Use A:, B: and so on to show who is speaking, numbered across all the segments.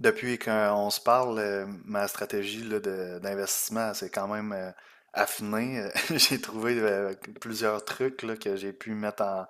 A: Depuis qu'on se parle, ma stratégie là, d'investissement, c'est quand même affiné. J'ai trouvé plusieurs trucs là, que j'ai pu mettre en,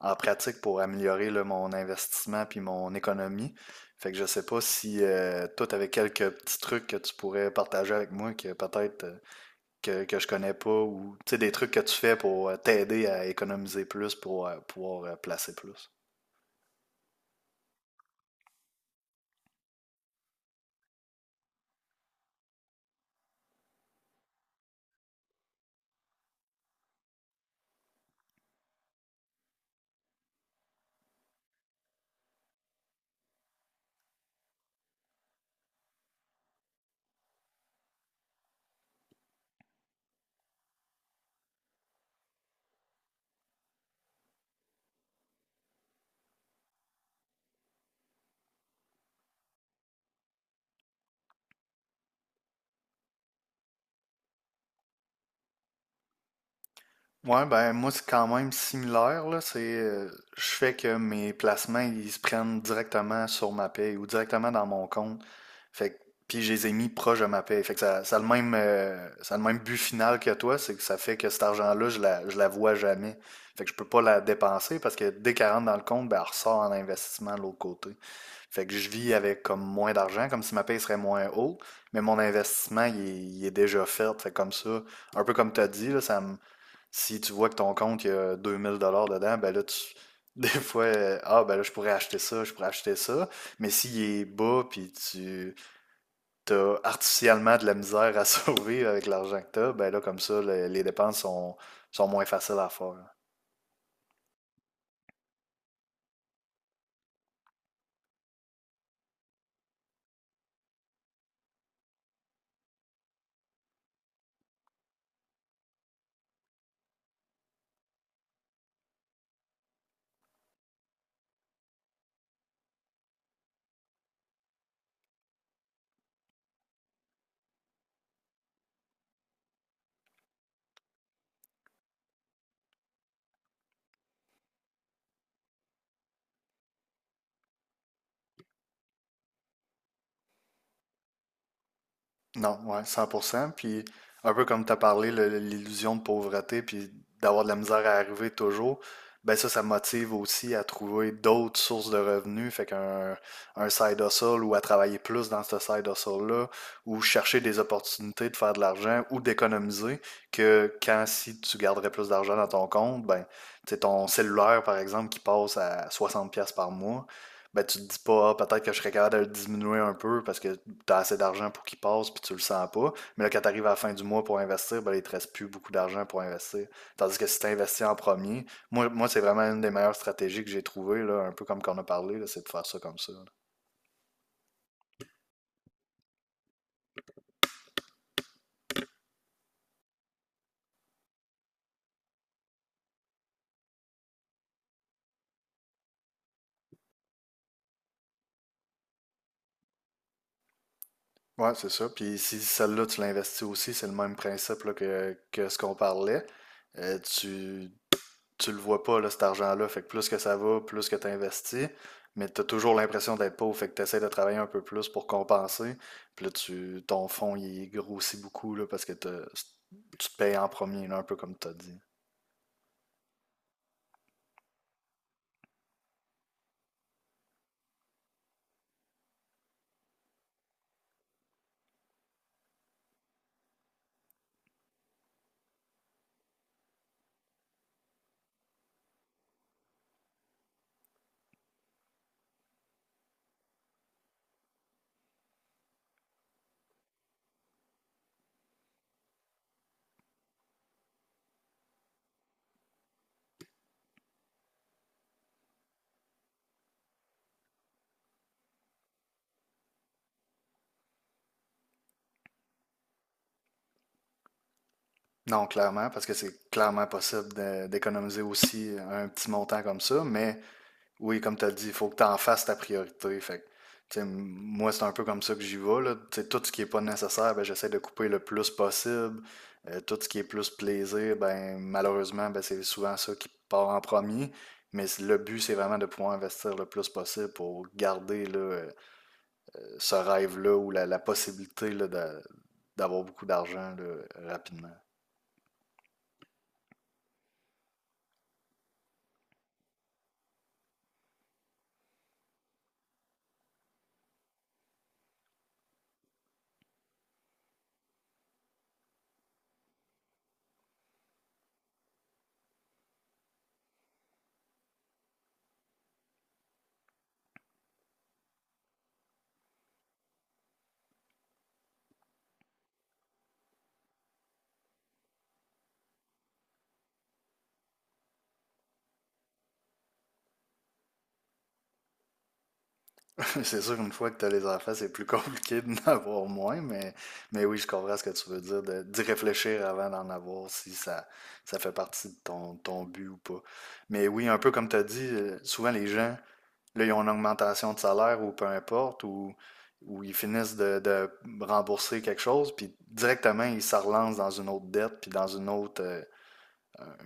A: en pratique pour améliorer là, mon investissement puis mon économie. Fait que je sais pas si toi, tu quelques petits trucs que tu pourrais partager avec moi que peut-être que je connais pas ou tu sais, des trucs que tu fais pour t'aider à économiser plus pour pouvoir placer plus. Ouais, ben moi c'est quand même similaire là. C'est, je fais que mes placements ils se prennent directement sur ma paye ou directement dans mon compte. Fait que, puis je les ai mis proche de ma paye. Fait que ça, ça a le même but final que toi, c'est que ça fait que cet argent-là je la vois jamais. Fait que je peux pas la dépenser parce que dès qu'elle rentre dans le compte, ben elle ressort en investissement de l'autre côté. Fait que je vis avec comme moins d'argent, comme si ma paye serait moins haute, mais mon investissement il est déjà fait. Fait que comme ça, un peu comme tu as dit là, ça me si tu vois que ton compte, il y a 2000 $ dedans, ben là, des fois, ben là, je pourrais acheter ça, je pourrais acheter ça. Mais s'il est bas, puis tu as artificiellement de la misère à sauver avec l'argent que tu as, ben là, comme ça, les dépenses sont moins faciles à faire. Non, ouais, 100%. Puis un peu comme tu as parlé, l'illusion de pauvreté, puis d'avoir de la misère à arriver toujours, ben ça motive aussi à trouver d'autres sources de revenus, fait qu'un side hustle ou à travailler plus dans ce side hustle-là, ou chercher des opportunités de faire de l'argent ou d'économiser, que quand si tu garderais plus d'argent dans ton compte, ben tu sais, ton cellulaire, par exemple, qui passe à 60 $ pièces par mois, ben tu te dis pas, ah, peut-être que je serais capable de le diminuer un peu parce que tu as assez d'argent pour qu'il passe, puis tu le sens pas. Mais là, quand tu arrives à la fin du mois pour investir, ben, là, il ne te reste plus beaucoup d'argent pour investir. Tandis que si tu investis en premier, moi c'est vraiment une des meilleures stratégies que j'ai trouvées, là, un peu comme qu'on a parlé, là, c'est de faire ça comme ça. Là. Ouais, c'est ça. Puis si celle-là, tu l'investis aussi, c'est le même principe là, que ce qu'on parlait. Euh, tu, tu le vois pas, là, cet argent-là. Fait que plus que ça va, plus que tu investis, mais tu as toujours l'impression d'être pauvre. Fait que tu essaies de travailler un peu plus pour compenser. Puis là, ton fonds, il grossit beaucoup là, parce que tu te payes en premier, là, un peu comme tu as dit. Non, clairement, parce que c'est clairement possible d'économiser aussi un petit montant comme ça, mais oui, comme tu as dit, il faut que tu en fasses ta priorité. Fait que, tu sais, moi, c'est un peu comme ça que j'y vais, là. Tu sais, tout ce qui est pas nécessaire, ben, j'essaie de couper le plus possible. Tout ce qui est plus plaisir, ben, malheureusement, ben, c'est souvent ça qui part en premier. Mais le but, c'est vraiment de pouvoir investir le plus possible pour garder là, ce rêve-là ou la possibilité là, d'avoir beaucoup d'argent là, rapidement. C'est sûr qu'une fois que tu as les enfants, c'est plus compliqué d'en avoir moins, mais oui, je comprends ce que tu veux dire, d'y réfléchir avant d'en avoir, si ça, ça fait partie de ton but ou pas. Mais oui, un peu comme tu as dit, souvent les gens, là, ils ont une augmentation de salaire ou peu importe, ou ils finissent de rembourser quelque chose, puis directement, ils se relancent dans une autre dette, puis dans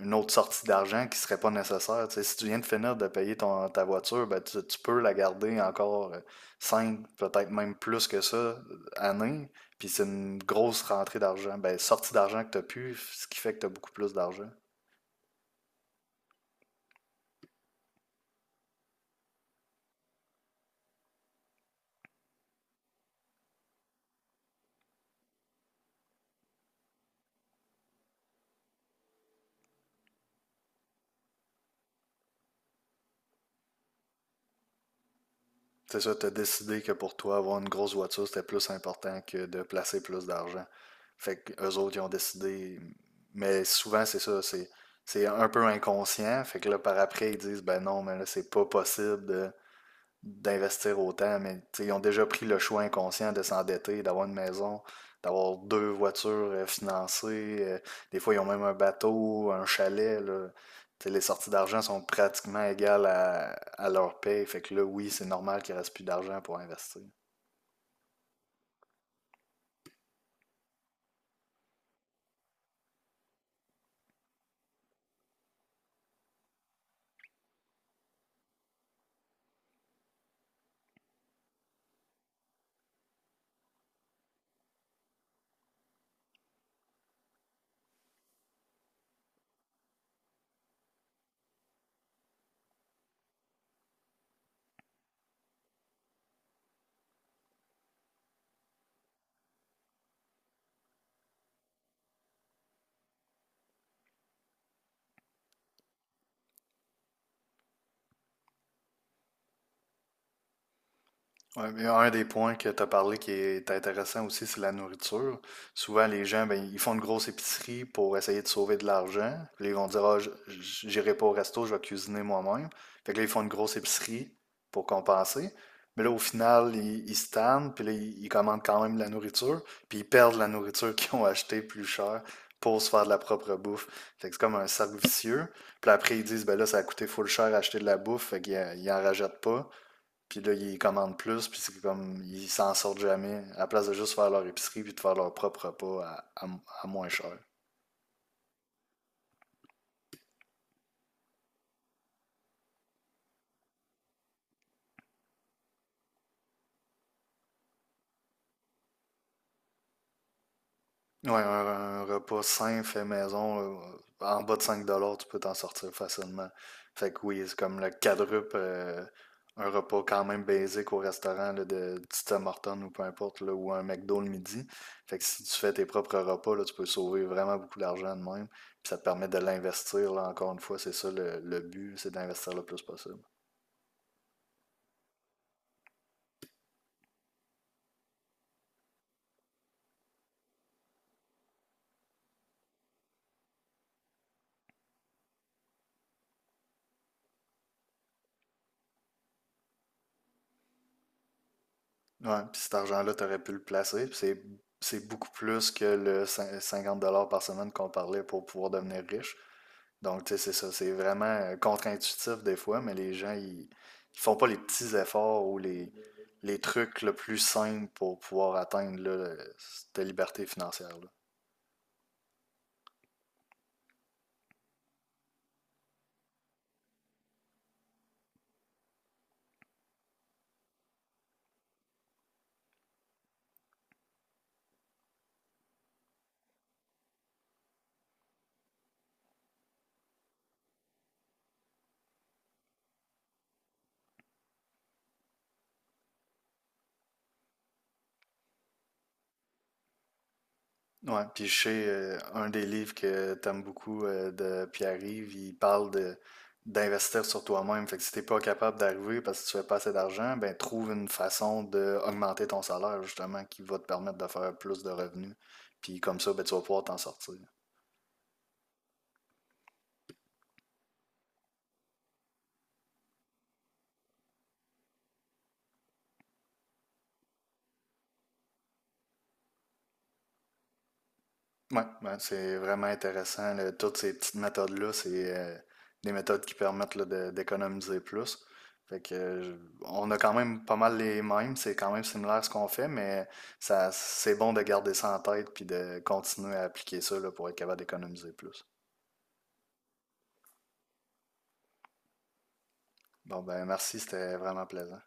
A: une autre sortie d'argent qui serait pas nécessaire. Tu sais, si tu viens de finir de payer ta voiture, ben, tu peux la garder encore 5 peut-être même plus que ça, années. Puis c'est une grosse rentrée d'argent. Ben, sortie d'argent que tu as pu, ce qui fait que tu as beaucoup plus d'argent. C'est ça, tu as décidé que pour toi, avoir une grosse voiture, c'était plus important que de placer plus d'argent. Fait que eux autres, ils ont décidé. Mais souvent, c'est ça, c'est un peu inconscient. Fait que là, par après, ils disent, ben non, mais là, c'est pas possible de d'investir autant, mais ils ont déjà pris le choix inconscient de s'endetter, d'avoir une maison, d'avoir deux voitures financées. Des fois, ils ont même un bateau, un chalet. Là. Les sorties d'argent sont pratiquement égales à leur paye. Fait que là, oui, c'est normal qu'il ne reste plus d'argent pour investir. Ouais, mais un des points que tu as parlé qui est intéressant aussi, c'est la nourriture. Souvent, les gens, ben, ils font une grosse épicerie pour essayer de sauver de l'argent. Puis là, ils vont dire, ah, j'irai pas au resto, je vais cuisiner moi-même. Fait que là, ils font une grosse épicerie pour compenser. Mais là, au final, ils se tannent, puis là, ils commandent quand même de la nourriture, puis ils perdent la nourriture qu'ils ont achetée plus cher pour se faire de la propre bouffe. Fait que c'est comme un cercle vicieux. Puis là, après, ils disent, ben là, ça a coûté full cher acheter de la bouffe, fait qu'ils en rajoutent pas. Puis là, ils commandent plus, puis c'est comme, ils s'en sortent jamais, à la place de juste faire leur épicerie puis de faire leur propre repas à moins cher. Ouais, un repas sain, fait maison, en bas de 5 $ tu peux t'en sortir facilement. Fait que oui, c'est comme le quadruple, un repas quand même basique au restaurant là, de du Tim Hortons ou peu importe, là, ou un McDo le midi. Fait que si tu fais tes propres repas, là, tu peux sauver vraiment beaucoup d'argent de même. Puis ça te permet de l'investir, là, encore une fois, c'est ça le but, c'est d'investir le plus possible. Ouais, puis cet argent-là, tu aurais pu le placer. Puis c'est beaucoup plus que le 50 $ par semaine qu'on parlait pour pouvoir devenir riche. Donc, tu sais, c'est ça. C'est vraiment contre-intuitif des fois, mais les gens, ils font pas les petits efforts ou les trucs le plus simples pour pouvoir atteindre là, cette liberté financière-là. Ouais, puis je sais, un des livres que t'aimes beaucoup de Pierre-Yves, il parle de d'investir sur toi-même. Fait que si t'es pas capable d'arriver parce que tu fais pas assez d'argent, ben trouve une façon d'augmenter ton salaire justement qui va te permettre de faire plus de revenus. Puis comme ça, ben tu vas pouvoir t'en sortir. Ouais, ouais, c'est vraiment intéressant. Là. Toutes ces petites méthodes-là, c'est euh, des méthodes qui permettent là, d'économiser plus. Fait que, on a quand même pas mal les mêmes, c'est quand même similaire ce qu'on fait, mais ça, c'est bon de garder ça en tête puis de continuer à appliquer ça là, pour être capable d'économiser plus. Bon, ben merci, c'était vraiment plaisant.